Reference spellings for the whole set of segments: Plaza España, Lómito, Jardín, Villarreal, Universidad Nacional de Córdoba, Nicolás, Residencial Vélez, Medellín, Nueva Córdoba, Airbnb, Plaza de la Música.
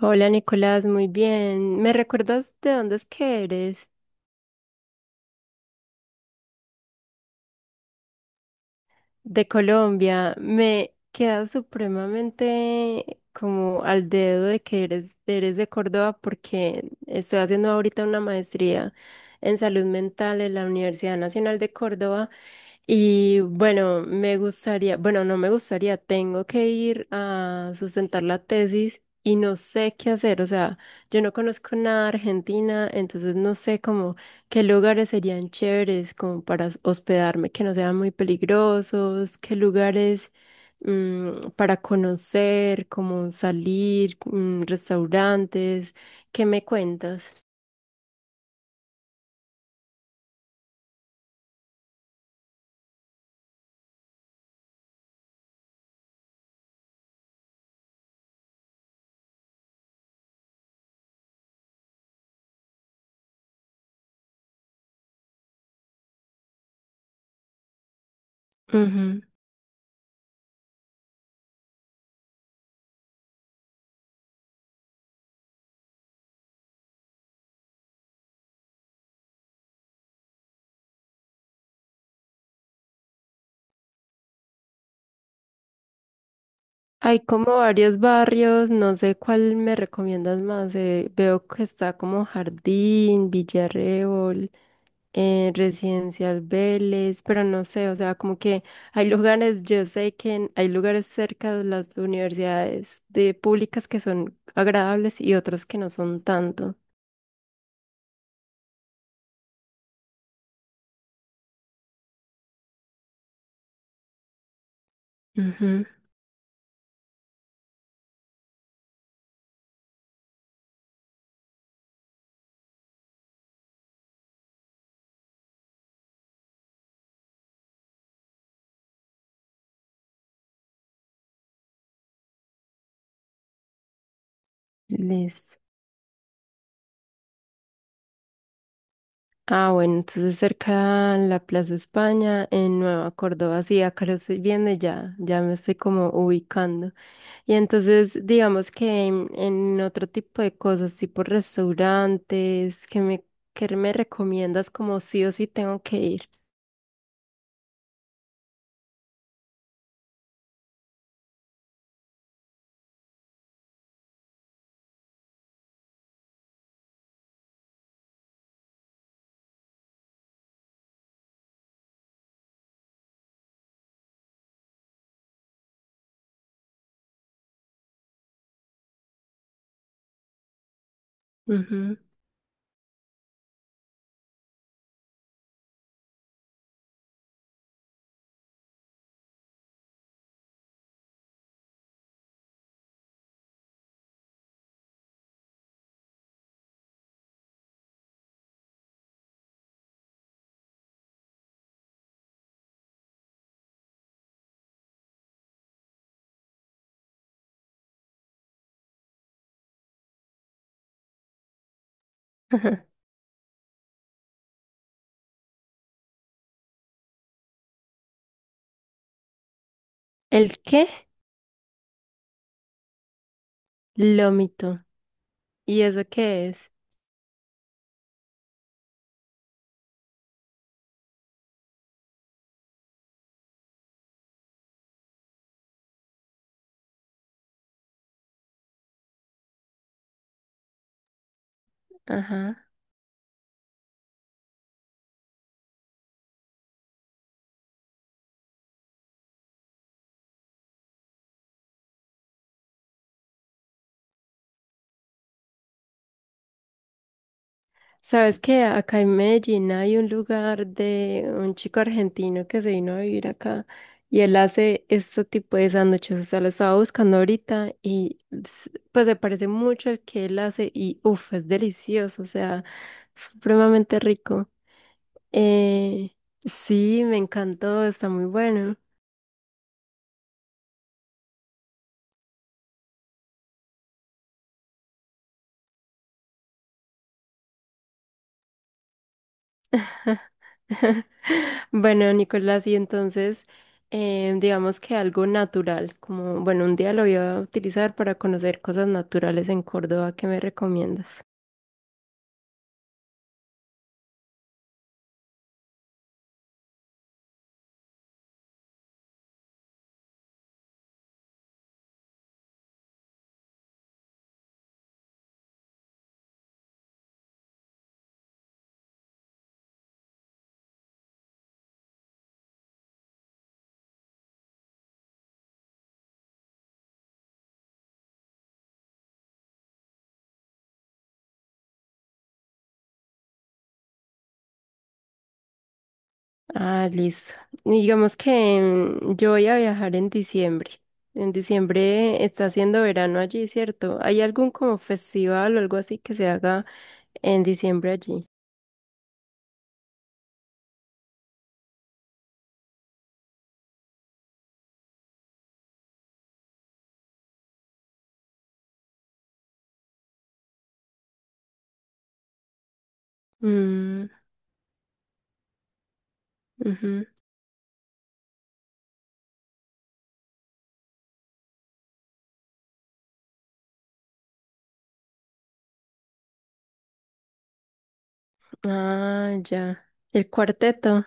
Hola Nicolás, muy bien. ¿Me recuerdas de dónde es que eres? De Colombia. Me queda supremamente como al dedo de que eres de Córdoba porque estoy haciendo ahorita una maestría en salud mental en la Universidad Nacional de Córdoba. Y bueno, me gustaría, bueno, no me gustaría, tengo que ir a sustentar la tesis y no sé qué hacer, o sea, yo no conozco nada de Argentina, entonces no sé cómo. ¿Qué lugares serían chéveres como para hospedarme que no sean muy peligrosos? ¿Qué lugares para conocer, como salir, restaurantes? ¿Qué me cuentas? Ujú. Hay como varios barrios, no sé cuál me recomiendas más. Veo que está como Jardín, Villarreal. Residencial Vélez, pero no sé, o sea, como que hay lugares, yo sé que hay lugares cerca de las universidades de públicas que son agradables y otros que no son tanto. Ujú. Listo. Ah, bueno, entonces cerca a la Plaza España, en Nueva Córdoba, sí, acá lo estoy viendo y ya, ya me estoy como ubicando. Y entonces, digamos que en otro tipo de cosas, tipo restaurantes, ¿que me recomiendas como sí o sí tengo que ir? Ujú. ¿El qué? Lómito. ¿Y eso qué es? Ajá. Sabes que acá en Medellín hay un lugar de un chico argentino que se vino a vivir acá y él hace este tipo de sándwiches. O sea, lo estaba buscando ahorita y pues se parece mucho al que él hace y uff, es delicioso, o sea, supremamente rico. Eh, sí, me encantó, está muy bueno. Bueno, Nicolás, y entonces, digamos que algo natural, como, bueno, un día lo voy a utilizar para conocer cosas naturales en Córdoba, ¿qué me recomiendas? Ah, listo. Digamos que yo voy a viajar en diciembre. En diciembre está haciendo verano allí, ¿cierto? ¿Hay algún como festival o algo así que se haga en diciembre allí? Mm. Ujú. Ah, ya. El cuarteto.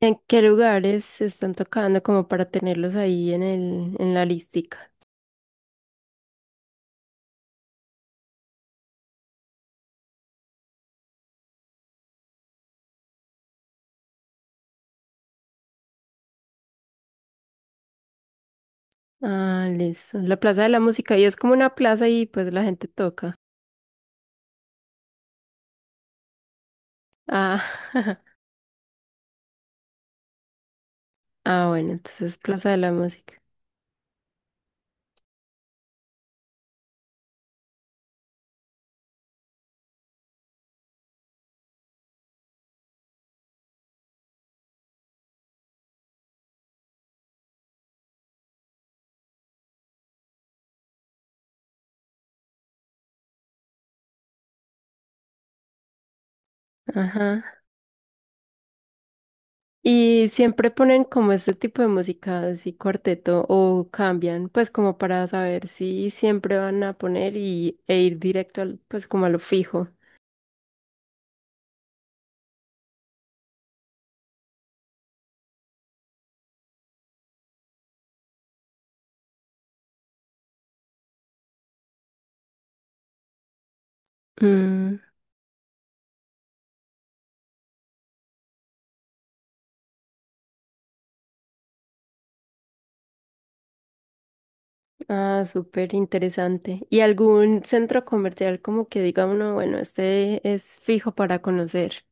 ¿Y en qué lugares se están tocando como para tenerlos ahí en en la listica? Ah, listo. La Plaza de la Música. Y es como una plaza y pues la gente toca. Ah. Ah, bueno, entonces Plaza de la Música. Ajá. Y siempre ponen como este tipo de música, así cuarteto, o cambian, pues como para saber si siempre van a poner y, e ir directo al, pues como a lo fijo. Mm. Ah, súper interesante. ¿Y algún centro comercial como que diga uno, bueno, este es fijo para conocer?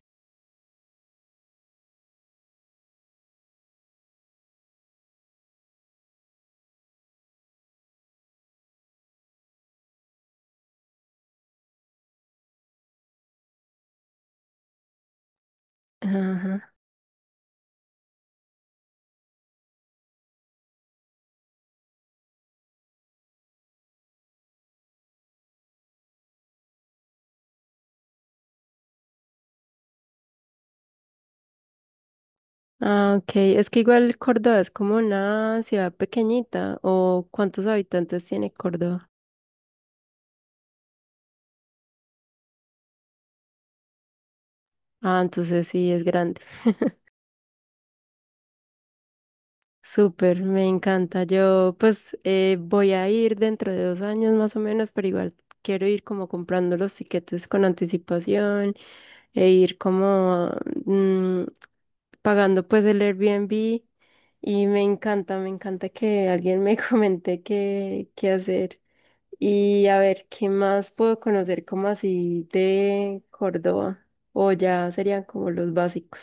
Ajá. Ah, ok. Es que igual Córdoba es como una ciudad pequeñita. ¿O cuántos habitantes tiene Córdoba? Ah, entonces sí, es grande. Súper, me encanta. Yo pues voy a ir dentro de 2 años más o menos, pero igual quiero ir como comprando los tiquetes con anticipación e ir como, mm, pagando pues el Airbnb y me encanta que alguien me comente qué hacer. Y a ver, ¿qué más puedo conocer como así de Córdoba? O ya serían como los básicos.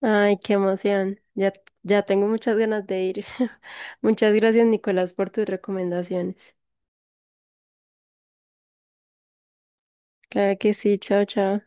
Ay, qué emoción. Ya, ya tengo muchas ganas de ir. Muchas gracias, Nicolás, por tus recomendaciones. Claro que sí, chao, chao.